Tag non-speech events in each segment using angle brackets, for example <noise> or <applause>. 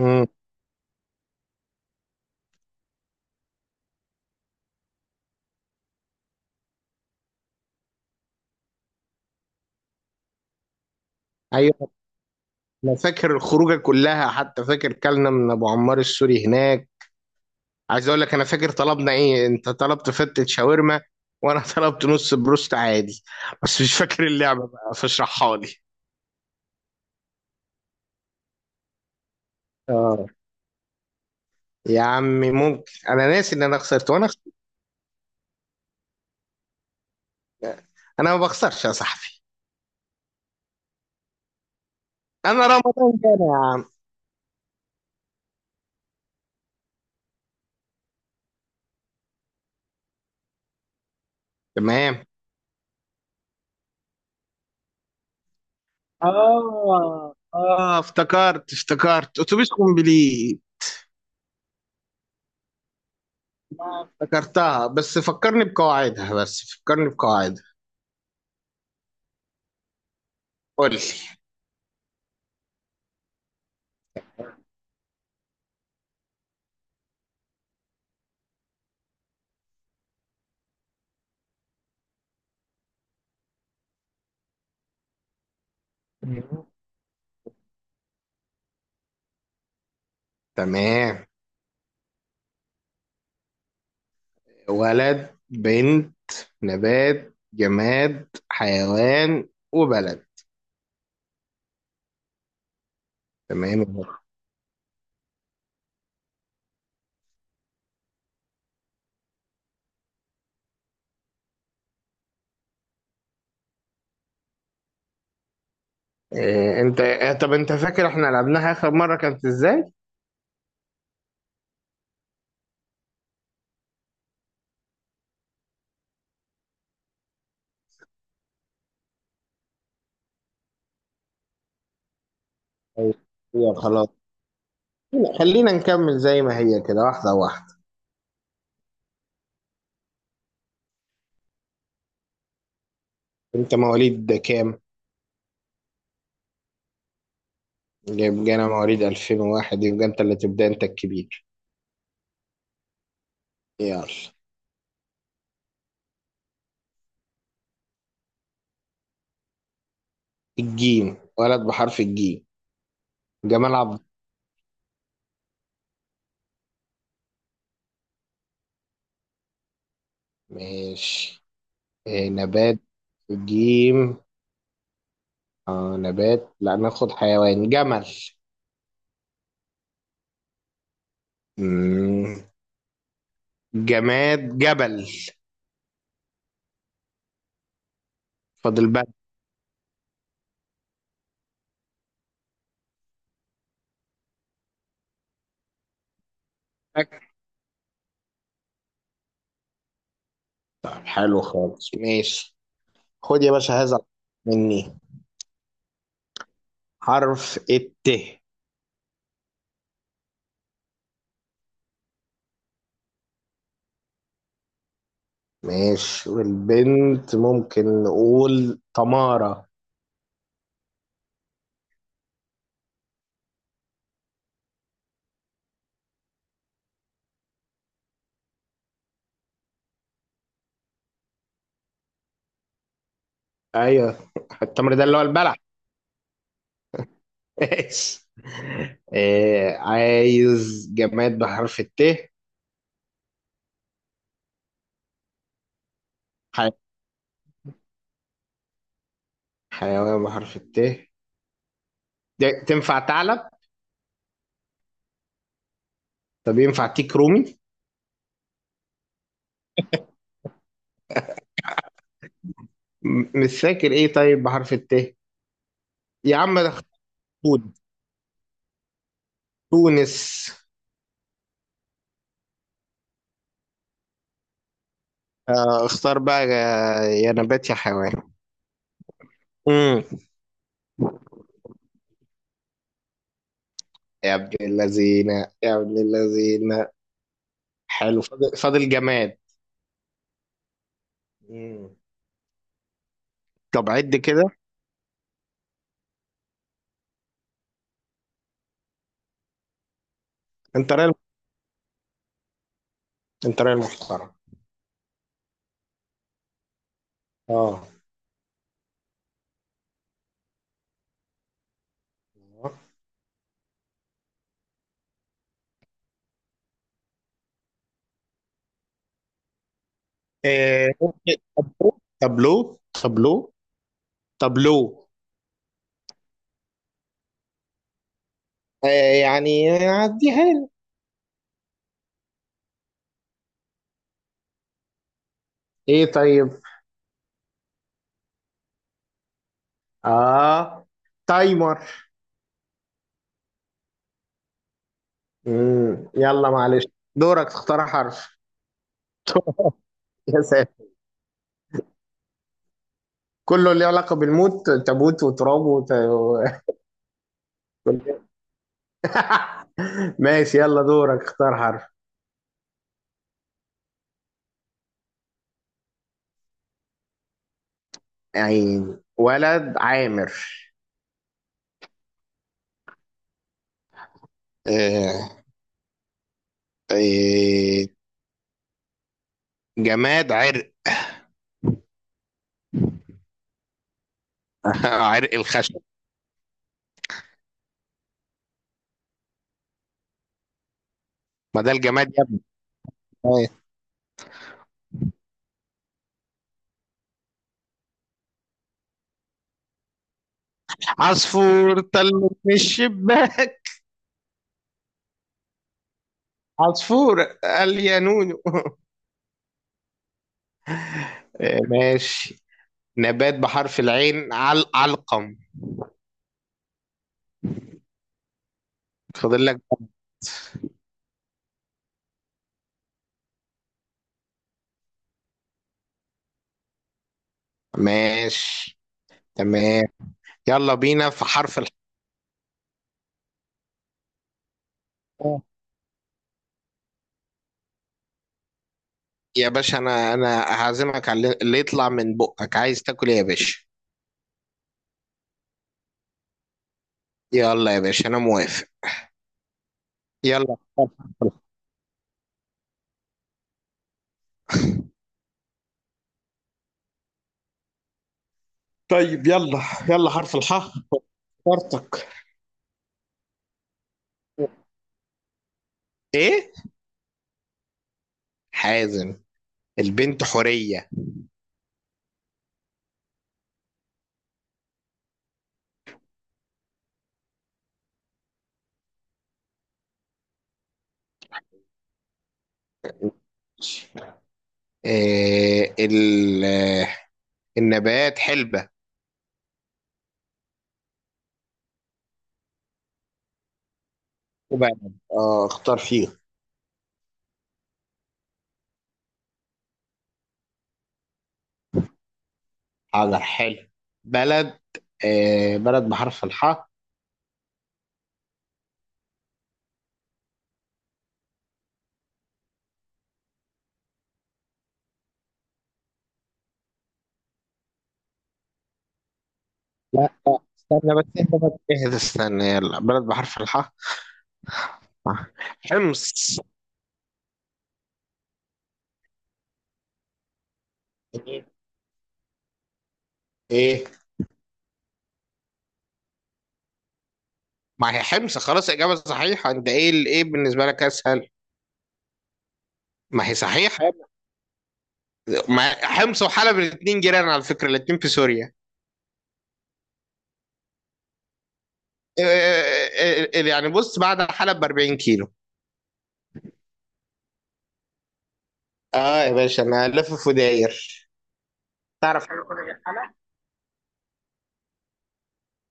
مم. ايوه، انا فاكر الخروجه كلها. حتى فاكر كلنا من ابو عمار السوري هناك. عايز اقول لك انا فاكر طلبنا ايه. انت طلبت فتة شاورما وانا <laughs> طلبت نص بروست عادي. بس مش فاكر اللعبه بقى، فاشرحها لي. اه، يا عمي ممكن انا ناسي ان انا خسرت وانا خسرت. انا ما بخسرش يا صاحبي. انا رمضان كان يا عم. تمام. اه افتكرت اتوبيس كومبليت. افتكرتها، بس فكرني بقواعدها. قول لي. مم. تمام. ولد، بنت، نبات، جماد، حيوان، وبلد. تمام. إيه انت إيه؟ طب انت فاكر احنا لعبناها اخر مرة كانت ازاي؟ أيوة. يا خلاص، لا، خلينا نكمل زي ما هي كده، واحدة واحدة. انت مواليد ده كام؟ يبقى انا مواليد 2001. يبقى انت اللي تبدأ، انت الكبير. يلا. الجيم، ولد بحرف الجيم، جمال عبد. ماشي. إيه نبات الجيم؟ آه نبات، لا ناخد حيوان، جمل. مم. جماد، جبل. فاضل بقى الأكل. طب حلو خالص، ماشي. خد يا باشا هذا مني. حرف الت. ماشي، والبنت ممكن نقول تمارة. ايوه، <laughs> التمر ده اللي هو البلح. <laughs> ماشي. آه عايز جماد بحرف الت. حي... حيوان بحرف الت. ده تنفع ثعلب؟ طب ينفع تيك رومي؟ مش فاكر ايه طيب بحرف الت. يا عم ده خد، تونس. اختار بقى، يا نبات يا حيوان. امم. يا ابن اللذينة، يا ابن اللذينة. حلو، فاضل جماد. مم. طب عد كده. انت راجل، انت راجل محترم. اه. إيه، طابلو طابلو. آه، يعني عديها لي. ايه طيب. اه، تايمر. يلا معلش. دورك تختار حرف. <laughs> يا ساتر. كله اللي علاقة بالموت، تابوت وتراب <laughs> ماشي، يلا دورك اختار حرف. عين، ولد عامر. آه، آه، جماد عرق. <laughs> عرق الخشب. ما ده الجماد يا ابني. آه. عصفور طل من الشباك. عصفور قال يا نونو. آه، ماشي. نبات بحرف العين، علقم. فاضل لك. ماشي. تمام. يلا بينا في حرف الحاء. يا باشا، انا هعزمك على اللي يطلع من بقك. عايز تاكل ايه يا باشا؟ يلا يا باشا، انا موافق. يلا. طيب يلا، يلا حرف الحاء فرتك. ايه. حازم، البنت حورية. إيه ال، آه، النبات حلبة. وبلد، اه اختار فيه. حاضر، حلو. بلد. إيه بلد بحرف الحاء. لا لا، استنى بس، اهدى بس اهدى، استنى. يلا بلد بحرف الحاء. حمص. ايه. ما هي حمص خلاص، اجابه صحيحه. انت ايه الايه بالنسبه لك اسهل؟ ما هي صحيحه. ما حمص وحلب الاثنين جيران، على فكره الاثنين في سوريا. إيه إيه إيه إيه، إيه، إيه، يعني بص، بعد حلب ب 40 كيلو. اه يا باشا، انا لافف وداير. تعرف حاجه تاني غير حلب؟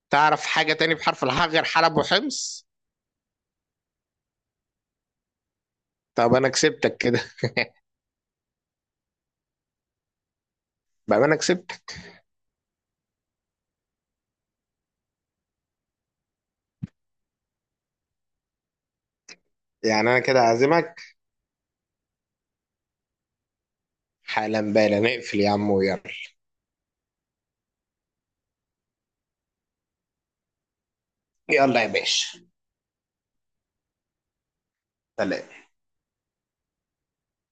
تعرف حاجه تاني بحرف الحاء غير حلب وحمص؟ طب انا كسبتك كده. بقى انا كسبتك. يعني انا كده عازمك. حالا بالا، نقفل يا عم ويلا. يلا يا باشا. سلام.